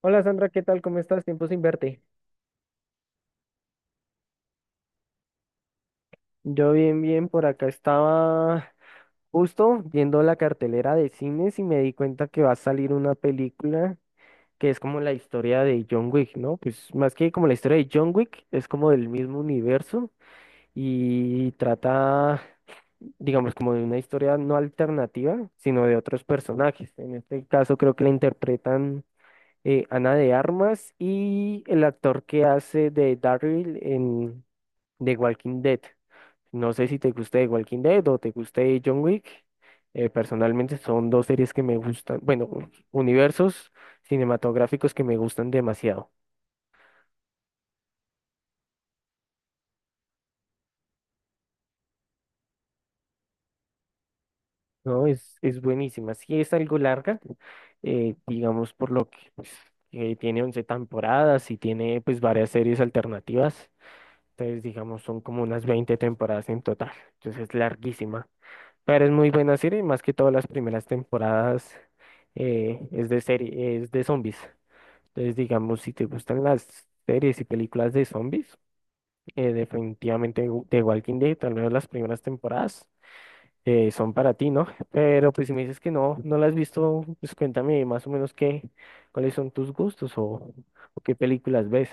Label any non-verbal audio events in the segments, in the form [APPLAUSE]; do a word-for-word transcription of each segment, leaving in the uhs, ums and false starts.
Hola Sandra, ¿qué tal? ¿Cómo estás? Tiempo sin verte. Yo bien, bien, por acá estaba justo viendo la cartelera de cines y me di cuenta que va a salir una película que es como la historia de John Wick, ¿no? Pues más que como la historia de John Wick, es como del mismo universo y trata, digamos, como de una historia no alternativa, sino de otros personajes. En este caso creo que la interpretan eh, Ana de Armas y el actor que hace de Daryl en... de Walking Dead. No sé si te guste de Walking Dead o te guste John Wick. Eh, personalmente son dos series que me gustan, bueno, universos cinematográficos que me gustan demasiado. ¿No? Es, es buenísima. Sí es algo larga, eh, digamos por lo que pues, eh, tiene once temporadas y tiene pues varias series alternativas. Entonces, digamos, son como unas veinte temporadas en total. Entonces es larguísima. Pero es muy buena serie, y más que todas las primeras temporadas eh, es de serie, es de zombies. Entonces, digamos, si te gustan las series y películas de zombies, eh, definitivamente Gu- The Walking Dead, tal vez las primeras temporadas eh, son para ti, ¿no? [LAUGHS] Pero pues si me dices que no, no las has visto, pues cuéntame más o menos qué, cuáles son tus gustos o, o qué películas ves.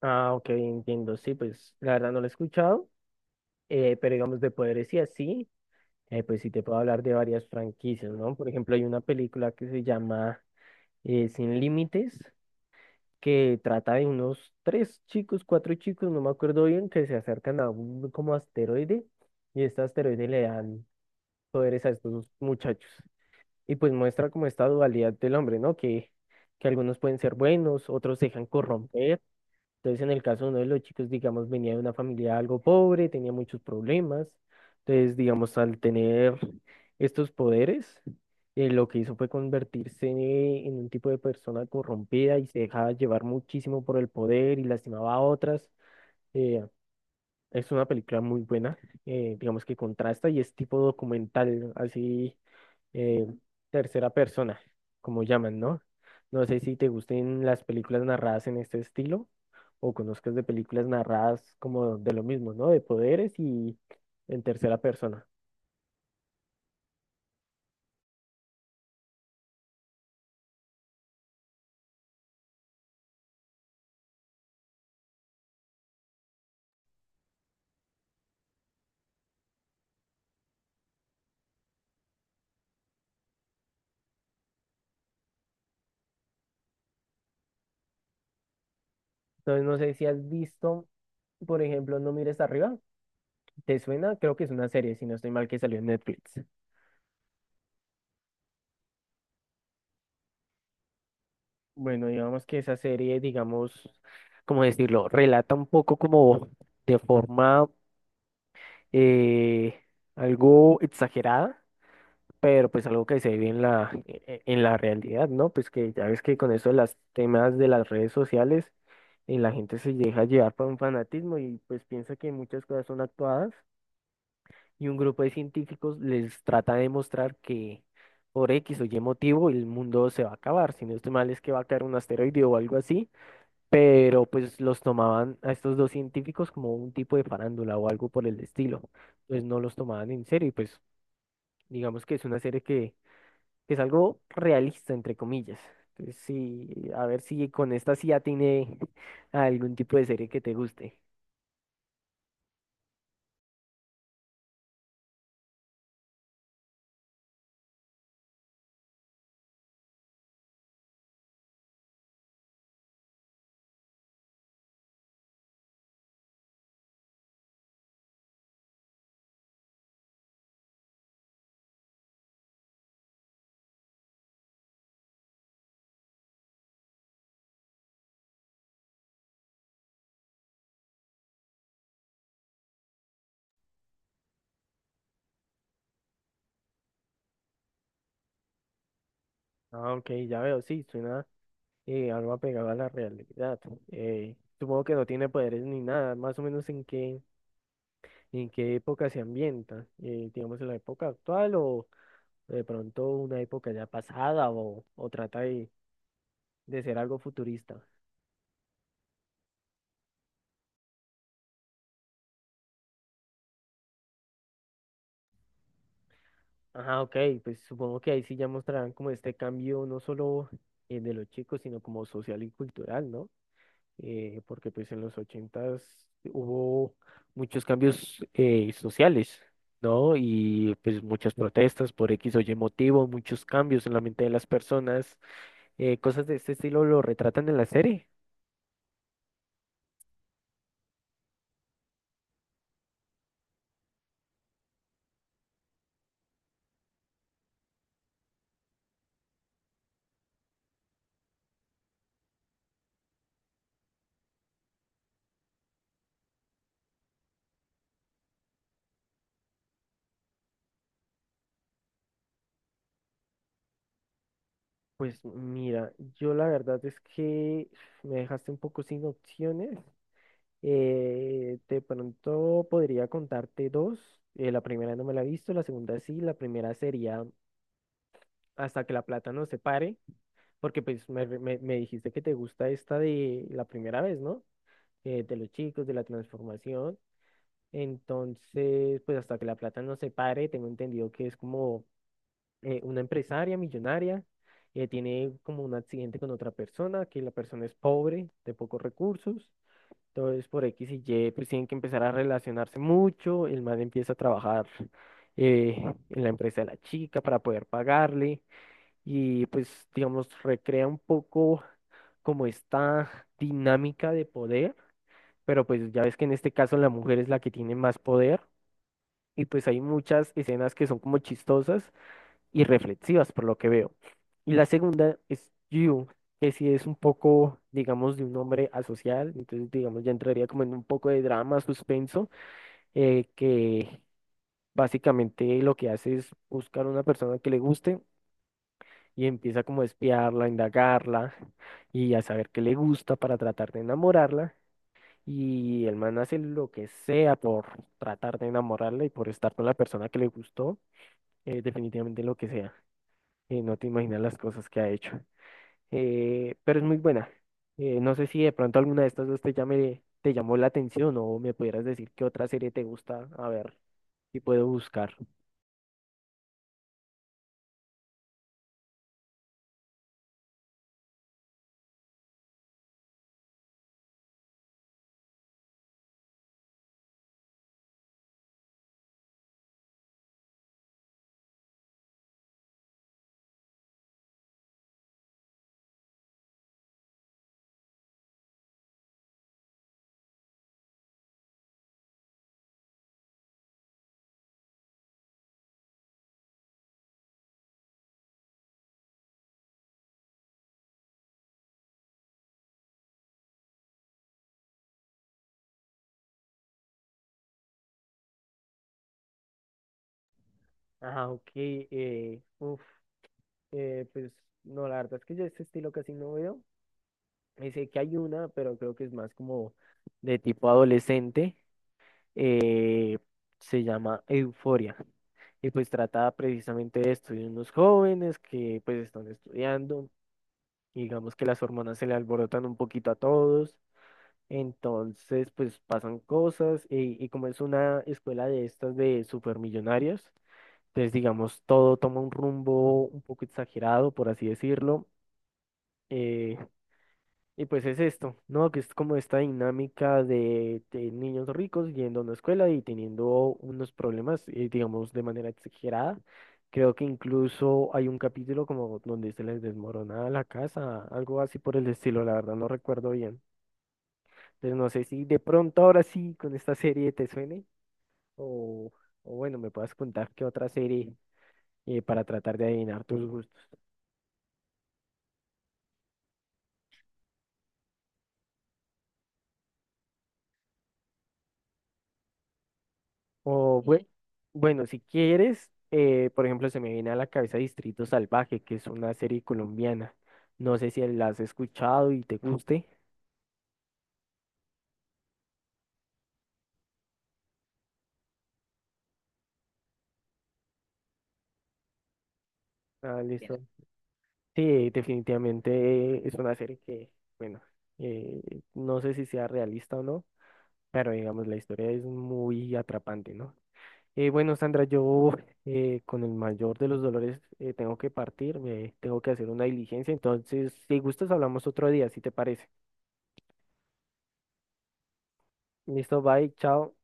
Ah, ok, entiendo. Sí, pues la verdad no lo he escuchado, eh, pero digamos de poderes y así. Eh, pues sí, te puedo hablar de varias franquicias, ¿no? Por ejemplo, hay una película que se llama eh, Sin Límites, que trata de unos tres chicos, cuatro chicos, no me acuerdo bien, que se acercan a un como asteroide y este asteroide le dan poderes a estos muchachos. Y pues muestra como esta dualidad del hombre, ¿no? Que, que algunos pueden ser buenos, otros se dejan corromper entonces, en el caso de uno de los chicos, digamos, venía de una familia algo pobre, tenía muchos problemas. Entonces, digamos, al tener estos poderes, eh, lo que hizo fue convertirse en un tipo de persona corrompida y se dejaba llevar muchísimo por el poder y lastimaba a otras. Eh, es una película muy buena, eh, digamos que contrasta y es tipo documental, así eh, tercera persona, como llaman, ¿no? No sé si te gusten las películas narradas en este estilo o conozcas de películas narradas como de lo mismo, ¿no? De poderes y en tercera persona. Entonces, no sé si has visto, por ejemplo, No mires arriba. ¿Te suena? Creo que es una serie, si no estoy mal, que salió en Netflix. Bueno, digamos que esa serie, digamos, ¿cómo decirlo? Relata un poco como de forma eh, algo exagerada pero pues algo que se vive en la, e- en la realidad, ¿no? Pues que ya ves que con eso de las temas de las redes sociales, eh, la gente se deja llevar por un fanatismo y pues piensa que muchas cosas son actuadas y un grupo de científicos les trata de demostrar que por X o Y motivo el mundo se va a acabar, si no estoy mal es que va a caer un asteroide o algo así, pero pues los tomaban a estos dos científicos como un tipo de farándula o algo por el estilo, pues no los tomaban en serio y pues digamos que es una serie que que es algo realista, entre comillas. Entonces, sí, a ver si con esta sí ya tiene [LAUGHS] algún tipo de serie que te guste. Ah, ok, ya veo, sí, suena eh, algo apegado a la realidad. Eh, supongo que no tiene poderes ni nada, más o menos en qué, en qué época se ambienta, eh, digamos en la época actual o de pronto una época ya pasada o, o trata de, de ser algo futurista. Ajá, ok, pues supongo que ahí sí ya mostrarán como este cambio no solo eh, de los chicos, sino como social y cultural, ¿no? Eh, porque pues en los ochentas hubo muchos cambios eh, sociales, ¿no? Y pues muchas protestas por X o Y motivo, muchos cambios en la mente de las personas, eh, cosas de este estilo lo retratan en la serie. Pues mira, yo la verdad es que me dejaste un poco sin opciones. Eh, de pronto podría contarte dos. Eh, la primera no me la he visto, la segunda sí. La primera sería Hasta que la plata nos separe, porque pues me, me- me dijiste que te gusta esta de la primera vez, ¿no? Eh, de los chicos, de la transformación. Entonces, pues hasta que la plata nos separe, tengo entendido que es como eh, una empresaria millonaria. Eh, tiene como un accidente con otra persona, que la persona es pobre, de pocos recursos. Entonces, por X y Y, pues tienen que empezar a relacionarse mucho. El man empieza a trabajar eh, en la empresa de la chica para poder pagarle. Y pues, digamos, recrea un poco como esta dinámica de poder. Pero pues ya ves que en este caso la mujer es la que tiene más poder. Y pues hay muchas escenas que son como chistosas y reflexivas, por lo que veo. Y la segunda es You, que si es un poco, digamos, de un hombre asocial, entonces, digamos, ya entraría como en un poco de drama, suspenso, eh, que básicamente lo que hace es buscar una persona que le guste y empieza como a espiarla, a indagarla y a saber qué le gusta para tratar de enamorarla. Y el man hace lo que sea por tratar de enamorarla y por estar con la persona que le gustó, eh, definitivamente lo que sea. Eh, no te imaginas las cosas que ha hecho. Eh, pero es muy buena. Eh, no sé si de pronto alguna de estas dos te llame, te llamó la atención o me pudieras decir qué otra serie te gusta. A ver, si puedo buscar. Ajá, ok. Eh, uf, eh, pues no, la verdad es que yo este estilo casi no veo. Eh, sé que hay una, pero creo que es más como de tipo adolescente. Eh, se llama Euforia. Y pues trata precisamente de esto, de unos jóvenes que pues están estudiando. Y digamos que las hormonas se le alborotan un poquito a todos, entonces pues pasan cosas y, y como es una escuela de estas de supermillonarios, entonces digamos todo toma un rumbo un poco exagerado, por así decirlo. Eh, y pues es esto, ¿no? Que es como esta dinámica de, de niños ricos yendo a una escuela y teniendo unos problemas, eh, digamos, de manera exagerada. Creo que incluso hay un capítulo como donde se les desmorona la casa, algo así por el estilo, la verdad no recuerdo bien. Entonces no sé si de pronto ahora sí con esta serie te suene o, o bueno, me puedas contar qué otra serie eh, para tratar de adivinar tus gustos. O bue- bueno, si quieres, eh, por ejemplo, se me viene a la cabeza Distrito Salvaje, que es una serie colombiana. No sé si la has escuchado y te guste. Ah, bien, listo. Sí, definitivamente es una serie que, bueno, eh, no sé si sea realista o no, pero digamos, la historia es muy atrapante, ¿no? Eh, bueno, Sandra, yo eh, con el mayor de los dolores eh, tengo que partir, me tengo que hacer una diligencia, entonces, si gustas, hablamos otro día, si te parece. Listo, bye, chao.